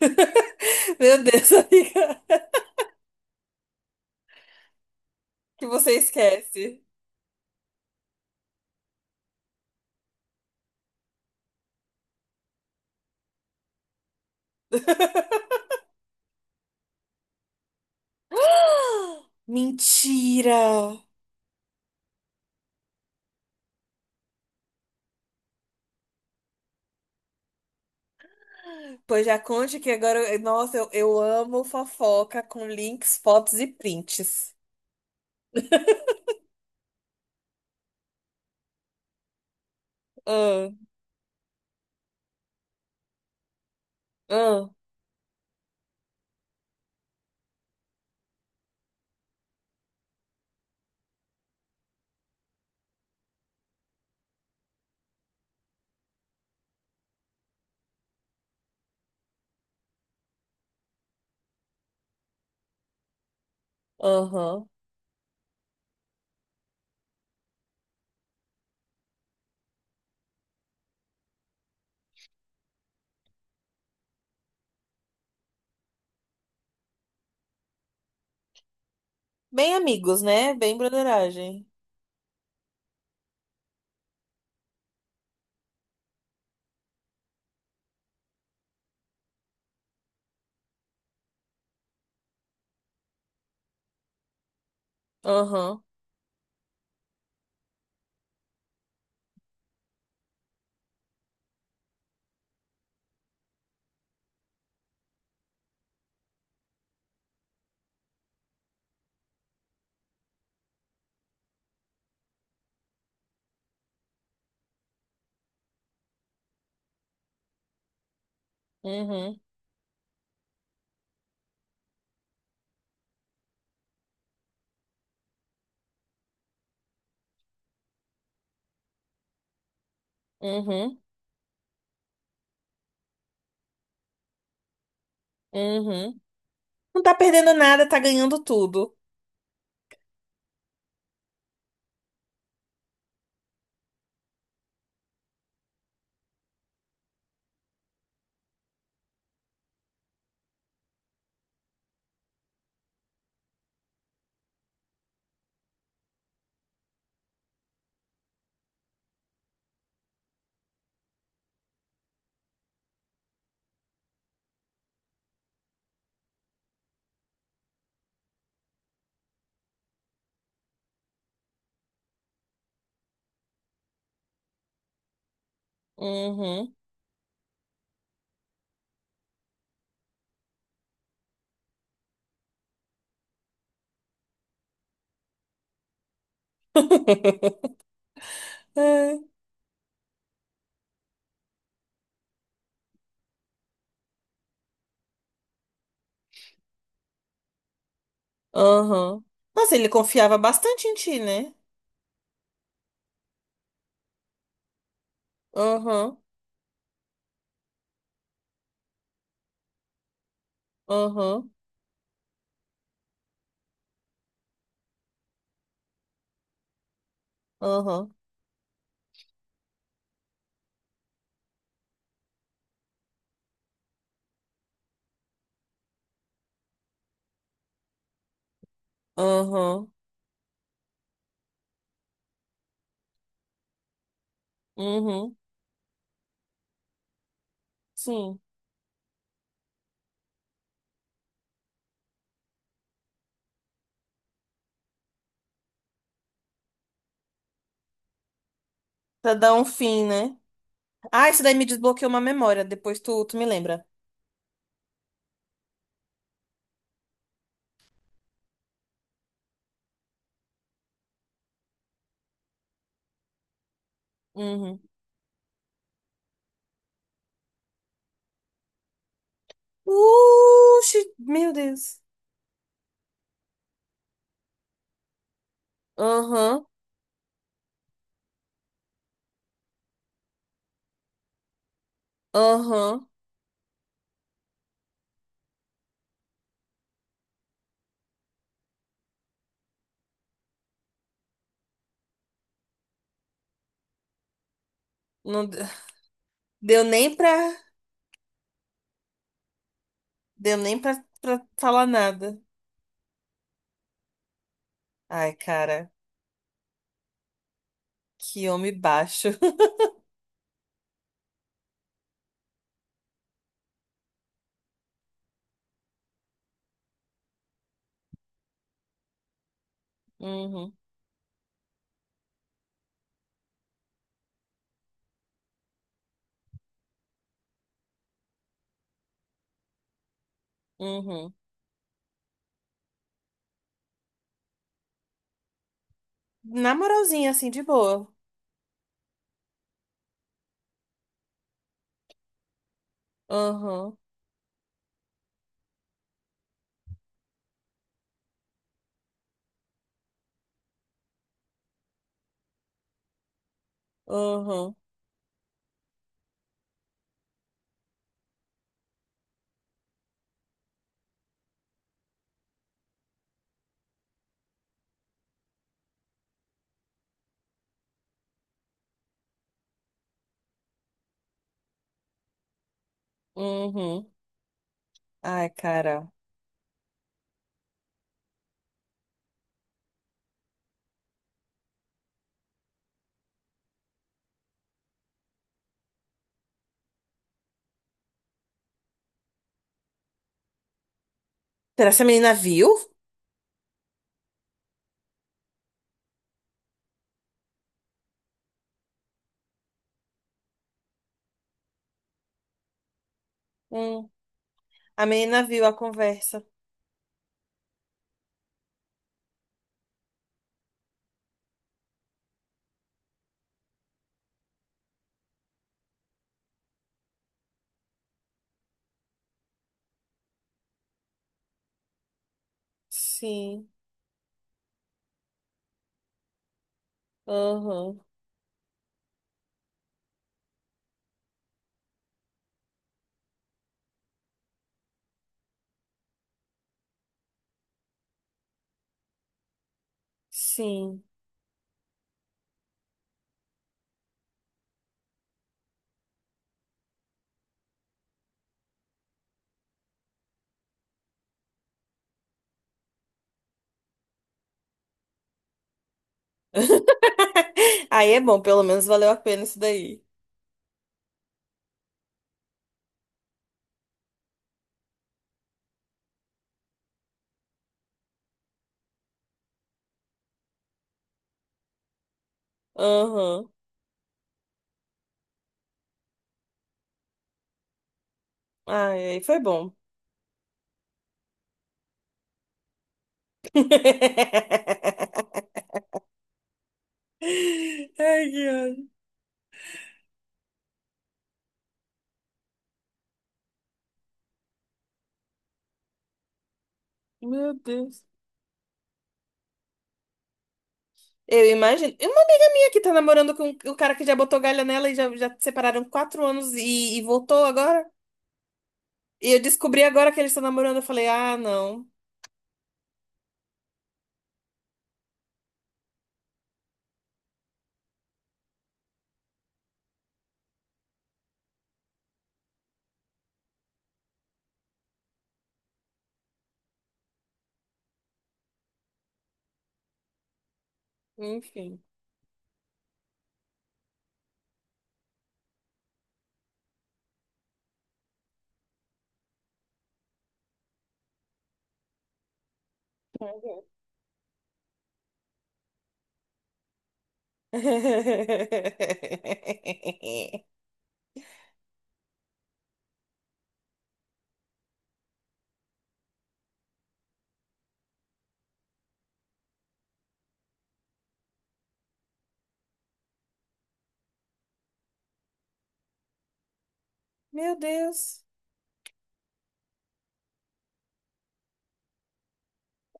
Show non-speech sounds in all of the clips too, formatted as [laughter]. [laughs] Meu Deus, amiga. Que você esquece. [gasps] Mentira! Pois já conte que agora. Nossa, eu amo fofoca com links, fotos e prints. Ah, ah, aham. Bem amigos, né? Bem brotheragem. Aham. Uhum. Uhum. Uhum. Não tá perdendo nada, tá ganhando tudo. Uhum. [laughs] É, aham. Nossa, ele confiava bastante em ti, né? Aham. Uhum, uhum, uhum, uhum, sim. Pra dar um fim, né? Ah, isso daí me desbloqueou uma memória. Depois tu me lembra. Uhum. Uxi, meu Deus. Aham, aham. Não de- Deu nem pra. Deu nem pra, pra falar nada. Ai, cara, que homem baixo. [laughs] Uhum, uhum. Na moralzinha, assim, de boa. Aham, aham, uhum. Ai, cara. Será que essa menina viu? A menina viu a conversa. Sim. Aham. Sim. [laughs] Aí é bom, pelo menos valeu a pena isso daí. Aham. Ai, aí foi bom. [laughs] Ai, que ódio. Meu Deus. Eu imagino. Uma amiga minha que tá namorando com o cara que já botou galha nela e já separaram 4 anos e voltou agora. E eu descobri agora que eles estão namorando. Eu falei, ah, não. Enfim. Uhum. [laughs] Meu Deus.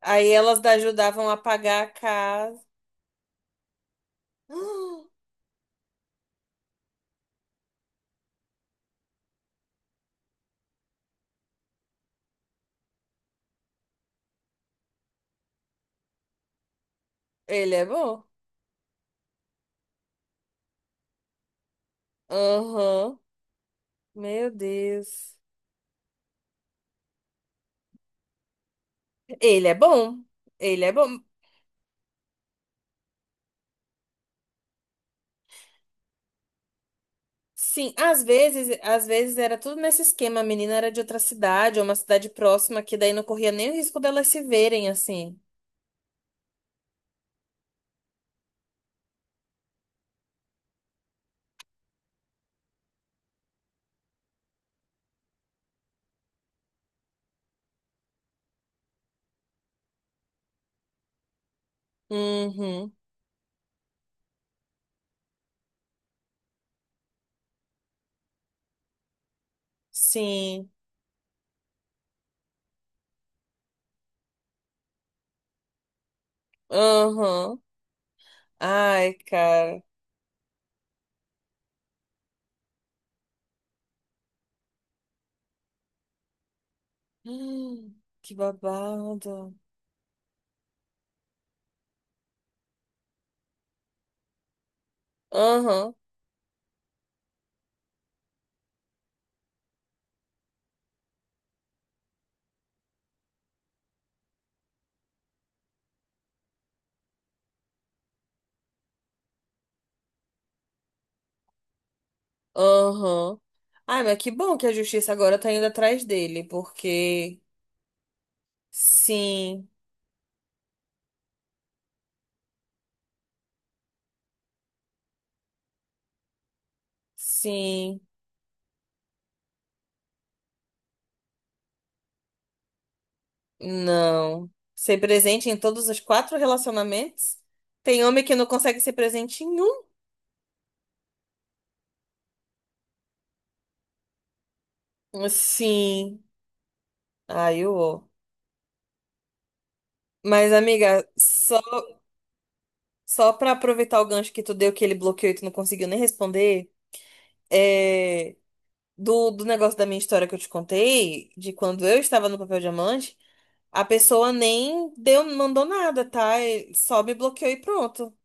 Aí elas ajudavam a pagar a casa. Ah, ele é bom. Aham. Meu Deus. Ele é bom. Ele é bom. Sim, às vezes era tudo nesse esquema. A menina era de outra cidade, ou uma cidade próxima, que daí não corria nem o risco delas se verem assim. Uhum. Sim. Aham. Ai, cara. [gasps] Hum, que babado. Aham. Aham. Ai, mas que bom que a justiça agora tá indo atrás dele, porque sim, sim, não. Ser presente em todos os quatro relacionamentos? Tem homem que não consegue ser presente em um? Sim. Ai, eu. Mas, amiga, só pra aproveitar o gancho que tu deu, que ele bloqueou e tu não conseguiu nem responder, é. Do negócio da minha história que eu te contei, de quando eu estava no papel diamante. A pessoa nem deu, mandou nada, tá? Ele só me bloqueou e pronto.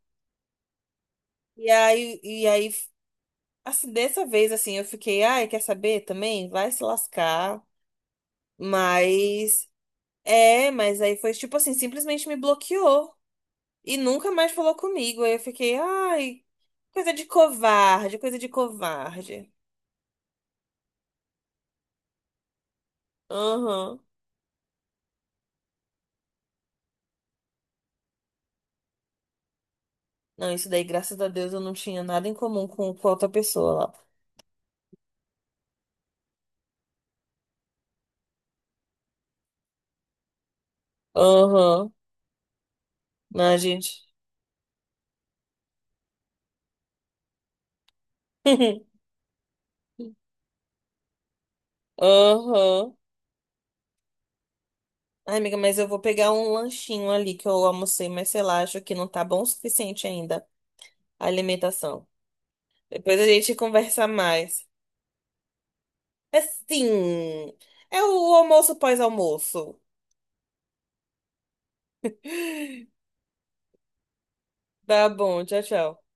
E aí, assim, dessa vez, assim, eu fiquei, ai, quer saber também? Vai se lascar. Mas, é, mas aí foi tipo assim, simplesmente me bloqueou e nunca mais falou comigo. Aí eu fiquei, ai, coisa de covarde, coisa de covarde. Aham. Não, isso daí, graças a Deus, eu não tinha nada em comum com outra pessoa lá. Aham. Não, gente. [laughs] Aham. Ai, amiga, mas eu vou pegar um lanchinho ali que eu almocei, mas sei lá, acho que não tá bom o suficiente ainda a alimentação. Depois a gente conversa mais. É sim, é o almoço pós-almoço. Tá bom, tchau, tchau.